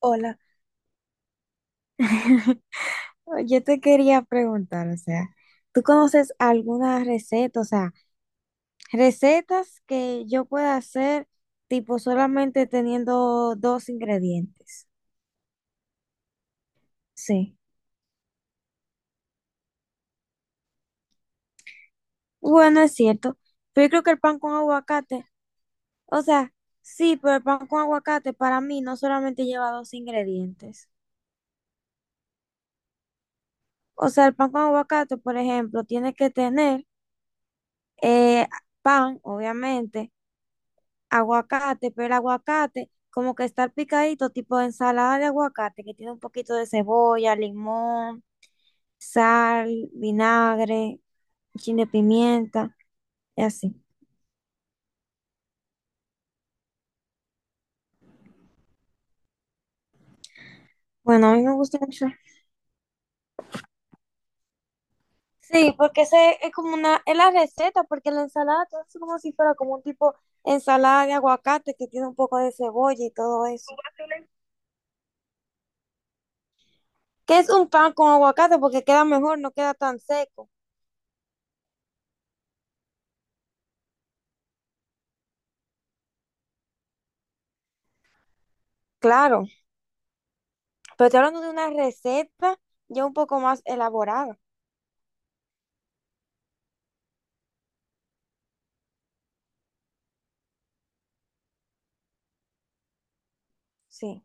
Hola, oh, yo te quería preguntar, o sea, ¿tú conoces alguna receta, o sea, recetas que yo pueda hacer tipo solamente teniendo dos ingredientes? Sí. Bueno, es cierto, pero yo creo que el pan con aguacate, o sea, sí, pero el pan con aguacate para mí no solamente lleva dos ingredientes. O sea, el pan con aguacate, por ejemplo, tiene que tener eh, pan, obviamente aguacate, pero el aguacate como que está picadito, tipo ensalada de aguacate, que tiene un poquito de cebolla, limón, sal, vinagre, un chin de pimienta y así. Bueno, a mí me gusta mucho. Sí, porque ese es como una, es la receta, porque la ensalada todo es como si fuera como un tipo ensalada de aguacate que tiene un poco de cebolla y todo eso. Que es un pan con aguacate porque queda mejor, no queda tan seco. Claro. Pero estoy hablando de una receta ya un poco más elaborada, sí.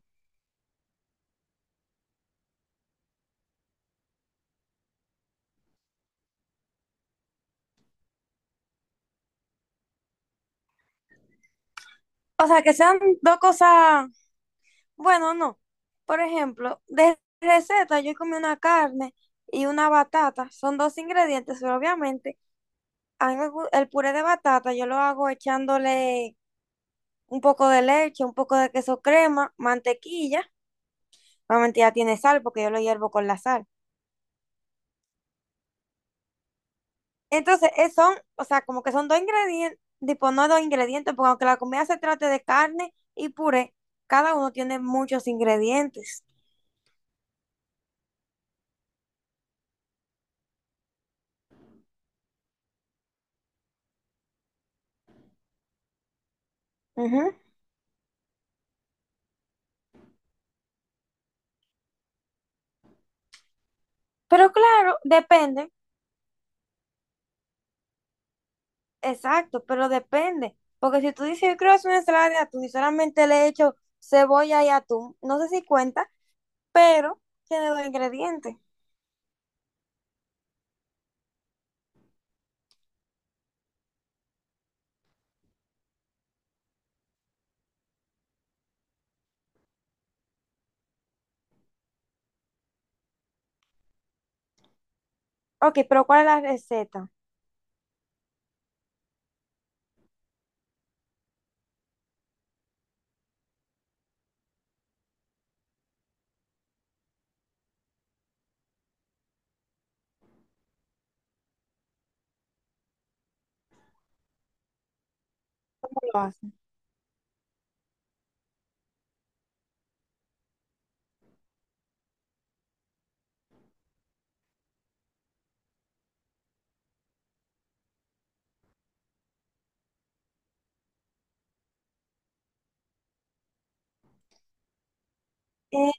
O sea, que sean dos cosas, bueno, no. Por ejemplo, de receta yo comí una carne y una batata, son dos ingredientes, pero obviamente a mí el puré de batata yo lo hago echándole un poco de leche, un poco de queso crema, mantequilla. Obviamente ya tiene sal porque yo lo hiervo con la sal. Entonces, son, o sea, como que son dos ingredientes, tipo, no dos ingredientes, porque aunque la comida se trate de carne y puré, cada uno tiene muchos ingredientes. Ujú. Pero claro, depende, exacto, pero depende. Porque si tú dices, yo quiero hacer una ensalada de atún y solamente le echo cebolla y atún, no sé si cuenta, pero tiene dos ingredientes. Ok, pero ¿cuál es la receta? ¿Cómo lo hacen? Eh,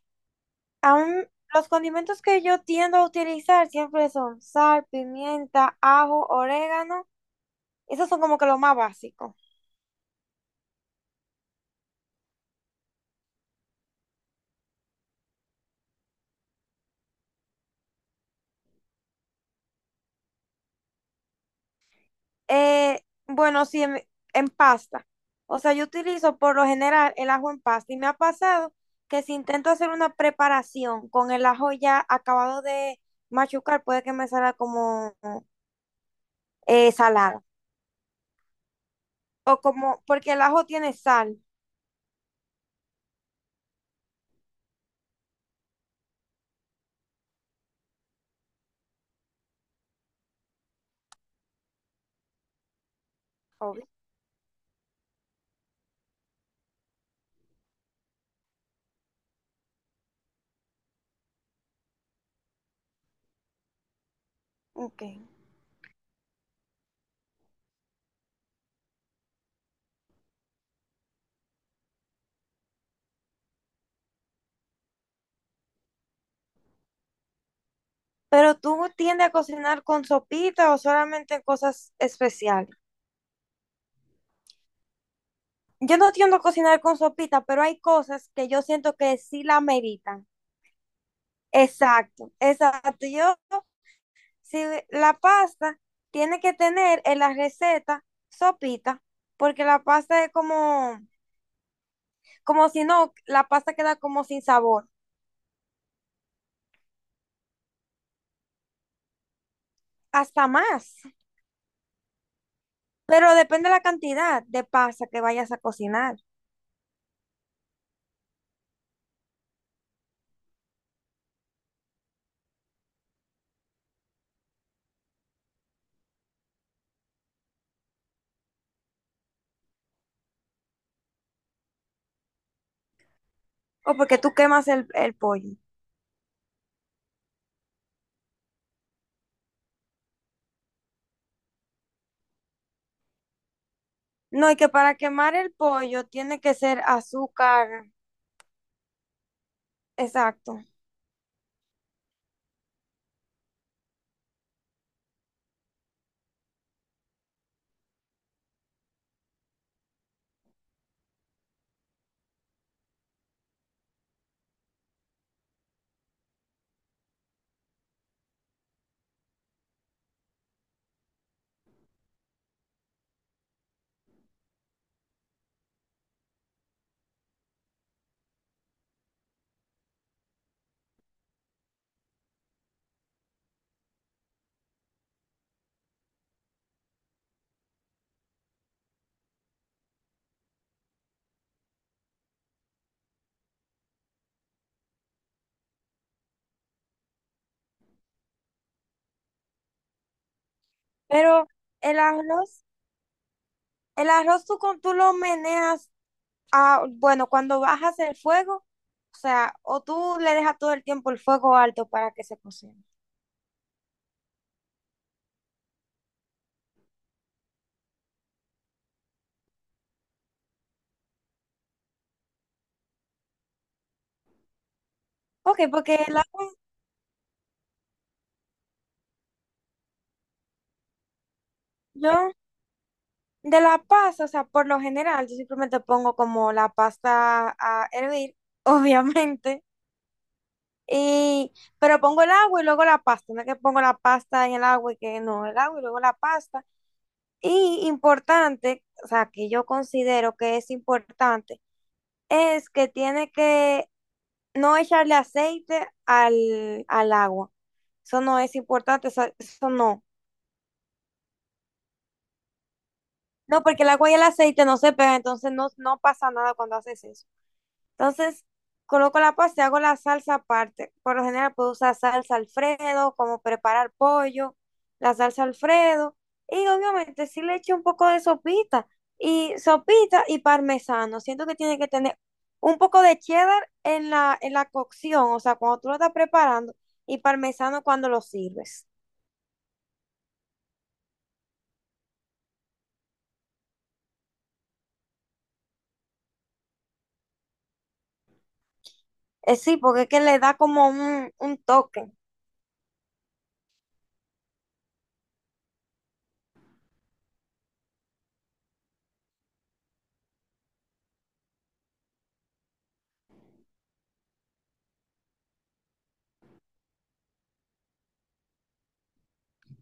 aún los condimentos que yo tiendo a utilizar siempre son sal, pimienta, ajo, orégano. Esos son como que los más básicos. Eh, bueno, sí, en pasta. O sea, yo utilizo por lo general el ajo en pasta y me ha pasado que si intento hacer una preparación con el ajo ya acabado de machucar, puede que me salga como salada. O como, porque el ajo tiene sal. Obvio. Ok. Pero tú tiendes a cocinar con sopita o solamente en cosas especiales. Yo no tiendo a cocinar con sopita, pero hay cosas que yo siento que sí la meritan. Exacto, exacto. Yo Si le- la pasta tiene que tener en la receta sopita, porque la pasta es como si no, la pasta queda como sin sabor, hasta más. Pero depende de la cantidad de pasta que vayas a cocinar o porque tú quemas el pollo. No, y que para quemar el pollo tiene que ser azúcar, exacto. Pero el arroz, el arroz tú lo meneas. Ah, bueno, cuando bajas el fuego, o sea, o tú le dejas todo el tiempo el fuego alto para que se cocine. Ok, porque el agua, yo de la pasta, o sea, por lo general, yo simplemente pongo como la pasta a hervir, obviamente, y, pero pongo el agua y luego la pasta, no es que pongo la pasta en el agua y que no, el agua y luego la pasta. Y importante, o sea, que yo considero que es importante, es que tiene que no echarle aceite al agua. Eso no es importante, eso no. No, porque el agua y el aceite no se pegan, entonces no, no pasa nada cuando haces eso. Entonces, coloco la pasta y hago la salsa aparte. Por lo general puedo usar salsa Alfredo, como preparar pollo, la salsa Alfredo. Y obviamente sí le echo un poco de sopita. Y sopita y parmesano. Siento que tiene que tener un poco de cheddar en la cocción, o sea, cuando tú lo estás preparando, y parmesano cuando lo sirves. Sí, porque es que le da como un toque.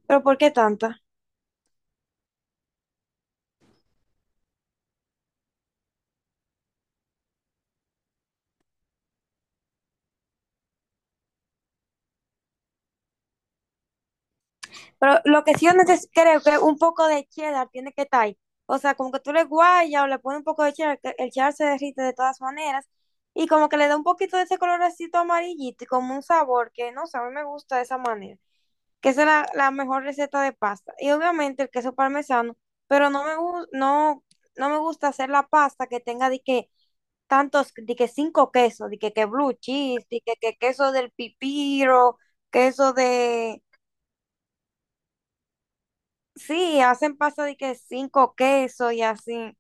Pero ¿por qué tanta? Pero lo que sí creo que un poco de cheddar tiene que estar ahí. O sea, como que tú le guayas o le pones un poco de cheddar, que el cheddar se derrite de todas maneras. Y como que le da un poquito de ese colorcito amarillito y como un sabor que, no sé, a mí me gusta de esa manera. Que esa es la mejor receta de pasta. Y obviamente el queso parmesano, pero no me gusta hacer la pasta que tenga de que tantos, de que cinco quesos, de que blue cheese, de que queso del pipiro, queso de. Sí, hacen pasta de que cinco quesos y así.